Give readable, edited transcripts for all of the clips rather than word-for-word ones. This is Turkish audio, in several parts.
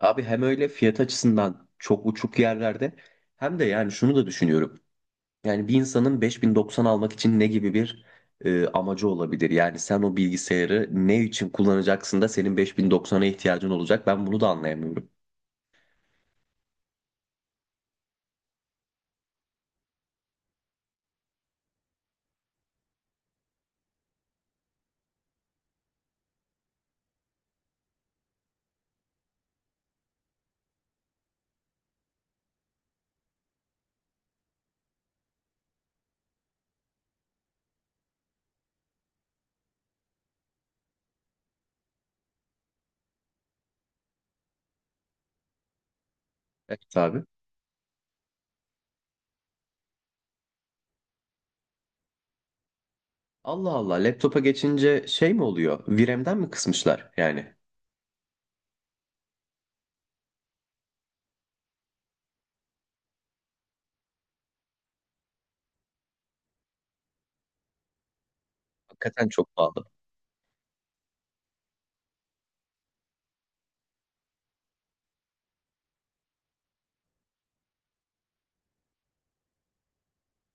Abi hem öyle fiyat açısından çok uçuk yerlerde hem de yani şunu da düşünüyorum. Yani bir insanın 5090 almak için ne gibi bir amacı olabilir? Yani sen o bilgisayarı ne için kullanacaksın da senin 5090'a ihtiyacın olacak? Ben bunu da anlayamıyorum. Evet abi. Allah Allah laptopa geçince şey mi oluyor? VRAM'den mi kısmışlar yani? Hakikaten çok pahalı.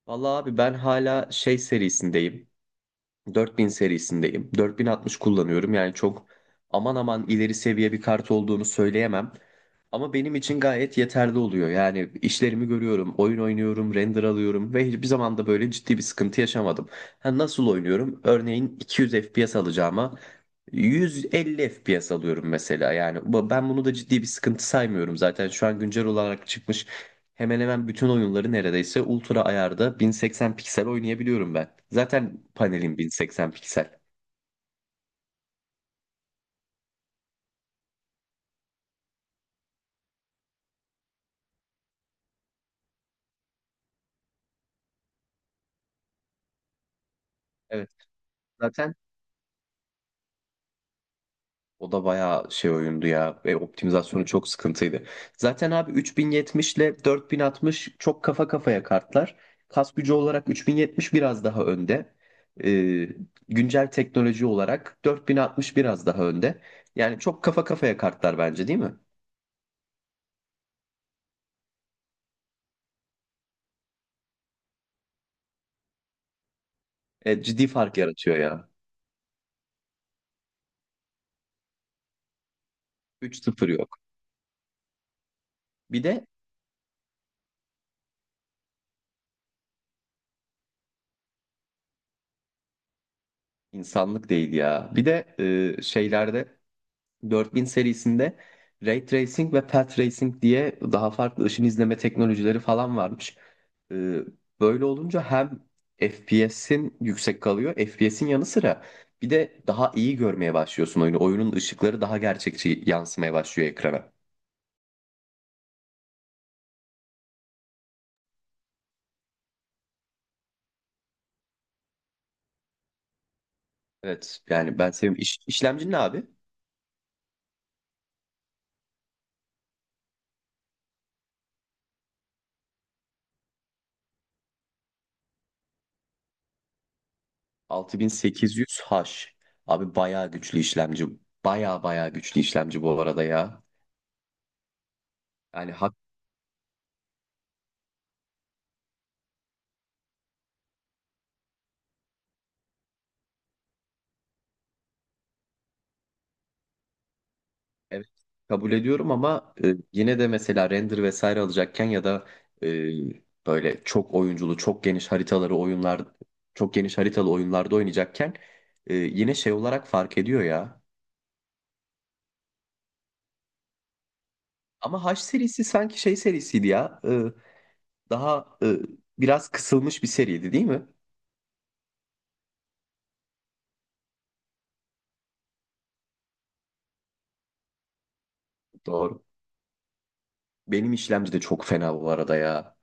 Vallahi abi ben hala şey serisindeyim. 4000 serisindeyim. 4060 kullanıyorum. Yani çok aman aman ileri seviye bir kart olduğunu söyleyemem. Ama benim için gayet yeterli oluyor. Yani işlerimi görüyorum, oyun oynuyorum, render alıyorum ve hiçbir zaman da böyle ciddi bir sıkıntı yaşamadım. Ha, nasıl oynuyorum? Örneğin 200 FPS alacağıma 150 FPS alıyorum mesela. Yani ben bunu da ciddi bir sıkıntı saymıyorum zaten. Şu an güncel olarak çıkmış hemen hemen bütün oyunları neredeyse ultra ayarda 1080 piksel oynayabiliyorum ben. Zaten panelim 1080 piksel. Evet, zaten o da bayağı şey oyundu ya ve optimizasyonu çok sıkıntıydı. Zaten abi 3070 ile 4060 çok kafa kafaya kartlar. Kas gücü olarak 3070 biraz daha önde. Ee, Güncel teknoloji olarak 4060 biraz daha önde. Yani çok kafa kafaya kartlar bence değil mi? Ciddi fark yaratıyor ya. 3 sıfır yok. Bir de İnsanlık değil ya. Bir de şeylerde 4000 serisinde Ray Tracing ve Path Racing diye daha farklı ışın izleme teknolojileri falan varmış. E, Böyle olunca hem FPS'in yüksek kalıyor, FPS'in yanı sıra bir de daha iyi görmeye başlıyorsun oyunu. Oyunun ışıkları daha gerçekçi yansımaya başlıyor ekrana. Evet yani ben seviyorum. İşlemci ne abi? 6800H. Abi bayağı güçlü işlemci. Bayağı bayağı güçlü işlemci bu arada ya. Yani H evet, kabul ediyorum ama yine de mesela render vesaire alacakken ya da e, böyle çok oyunculu, çok geniş haritalı oyunlarda oynayacakken yine şey olarak fark ediyor ya. Ama H serisi sanki şey serisiydi ya. Daha biraz kısılmış bir seriydi değil mi? Doğru. Benim işlemci de çok fena bu arada ya.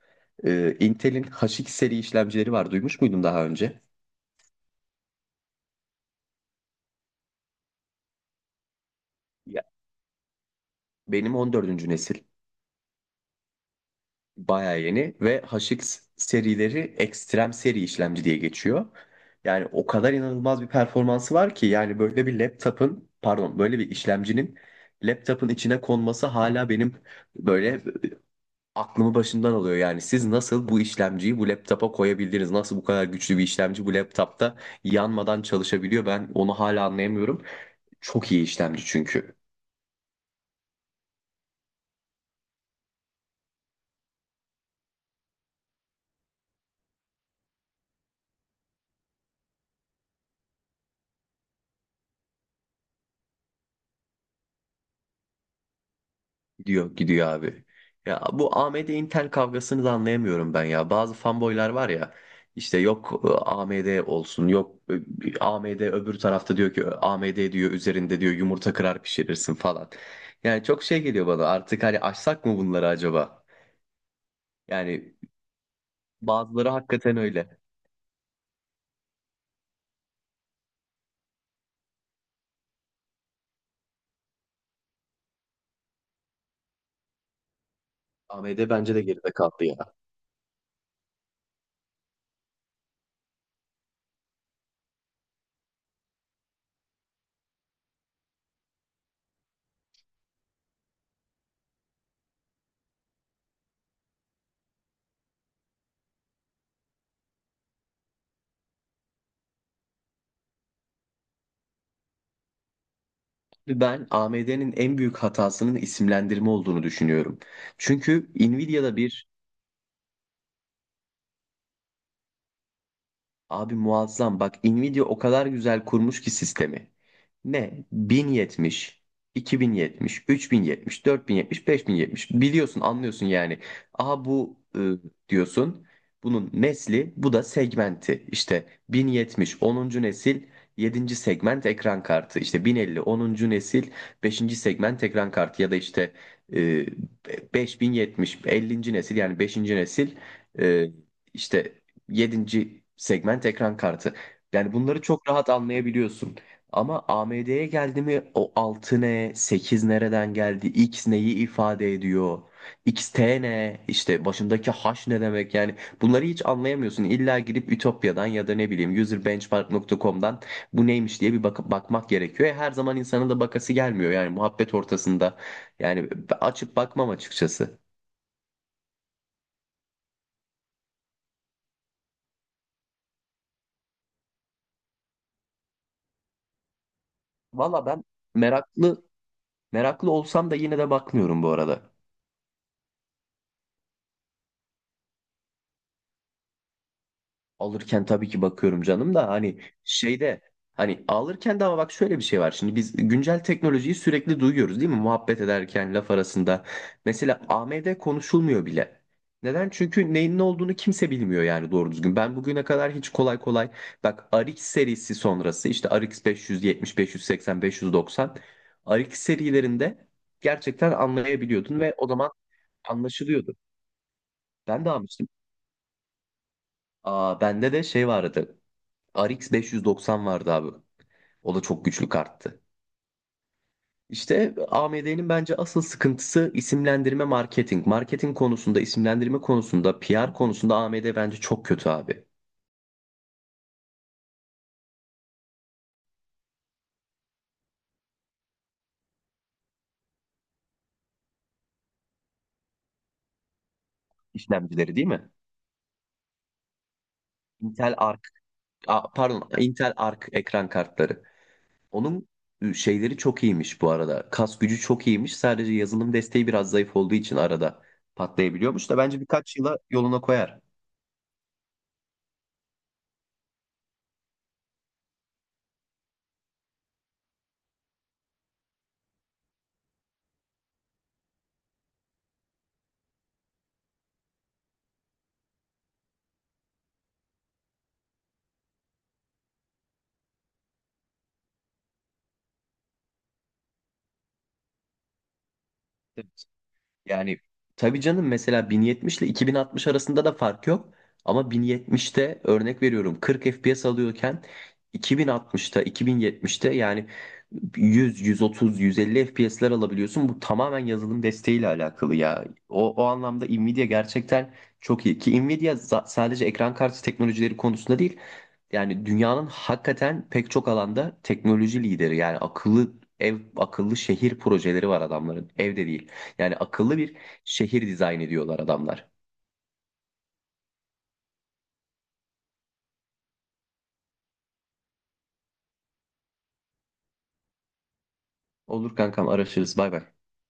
Intel'in H2 seri işlemcileri var. Duymuş muydun daha önce? Ya, benim on dördüncü nesil. Bayağı yeni ve HX serileri ekstrem seri işlemci diye geçiyor. Yani o kadar inanılmaz bir performansı var ki yani böyle bir laptop'un pardon böyle bir işlemcinin laptop'un içine konması hala benim böyle aklımı başımdan alıyor. Yani siz nasıl bu işlemciyi bu laptop'a koyabildiniz? Nasıl bu kadar güçlü bir işlemci bu laptop'ta yanmadan çalışabiliyor? Ben onu hala anlayamıyorum. Çok iyi işlemci çünkü. Gidiyor, gidiyor abi. Ya bu AMD Intel kavgasını da anlayamıyorum ben ya. Bazı fanboylar var ya işte yok AMD olsun yok AMD öbür tarafta diyor ki AMD diyor üzerinde diyor yumurta kırar pişirirsin falan. Yani çok şey geliyor bana artık hani açsak mı bunları acaba? Yani bazıları hakikaten öyle. AMD bence de geride kaldı ya. Ben AMD'nin en büyük hatasının isimlendirme olduğunu düşünüyorum. Çünkü Nvidia'da bir abi muazzam. Bak Nvidia o kadar güzel kurmuş ki sistemi. Ne? 1070, 2070, 3070, 4070, 5070. Biliyorsun, anlıyorsun yani. Aha bu diyorsun. Bunun nesli, bu da segmenti. İşte 1070 onuncu nesil yedinci segment ekran kartı. İşte 1050 onuncu nesil beşinci segment ekran kartı ya da işte e, 5070 50. nesil yani beşinci nesil e, işte yedinci segment ekran kartı. Yani bunları çok rahat anlayabiliyorsun. Ama AMD'ye geldi mi o 6 ne, 8 nereden geldi, X neyi ifade ediyor, XT ne, işte başındaki H ne demek yani bunları hiç anlayamıyorsun. İlla girip Ütopya'dan ya da ne bileyim userbenchmark.com'dan bu neymiş diye bir bakıp bakmak gerekiyor. Her zaman insanın da bakası gelmiyor yani muhabbet ortasında yani açıp bakmam açıkçası. Valla ben meraklı meraklı olsam da yine de bakmıyorum bu arada. Alırken tabii ki bakıyorum canım da hani şeyde hani alırken de ama bak şöyle bir şey var. Şimdi biz güncel teknolojiyi sürekli duyuyoruz değil mi? Muhabbet ederken laf arasında. Mesela AMD konuşulmuyor bile. Neden? Çünkü neyin ne olduğunu kimse bilmiyor yani doğru düzgün. Ben bugüne kadar hiç kolay kolay bak RX serisi sonrası işte RX 570, 580, 590 RX serilerinde gerçekten anlayabiliyordun ve o zaman anlaşılıyordu. Ben de almıştım. Aa, bende de şey vardı. RX 590 vardı abi. O da çok güçlü karttı. İşte AMD'nin bence asıl sıkıntısı isimlendirme marketing. Marketing konusunda, isimlendirme konusunda, PR konusunda AMD bence çok kötü abi. İşlemcileri değil mi? Intel Arc, a, pardon, Intel Arc ekran kartları. Onun şeyleri çok iyiymiş bu arada. Kas gücü çok iyiymiş. Sadece yazılım desteği biraz zayıf olduğu için arada patlayabiliyormuş da bence birkaç yıla yoluna koyar. Yani tabii canım mesela 1070 ile 2060 arasında da fark yok. Ama 1070'te örnek veriyorum 40 FPS alıyorken 2060'ta 2070'te yani 100, 130, 150 FPS'ler alabiliyorsun. Bu tamamen yazılım desteğiyle alakalı ya. O anlamda Nvidia gerçekten çok iyi. Ki Nvidia sadece ekran kartı teknolojileri konusunda değil. Yani dünyanın hakikaten pek çok alanda teknoloji lideri. Yani akıllı şehir projeleri var adamların. Evde değil. Yani akıllı bir şehir dizayn ediyorlar adamlar. Olur kankam araşırız. Bay bay.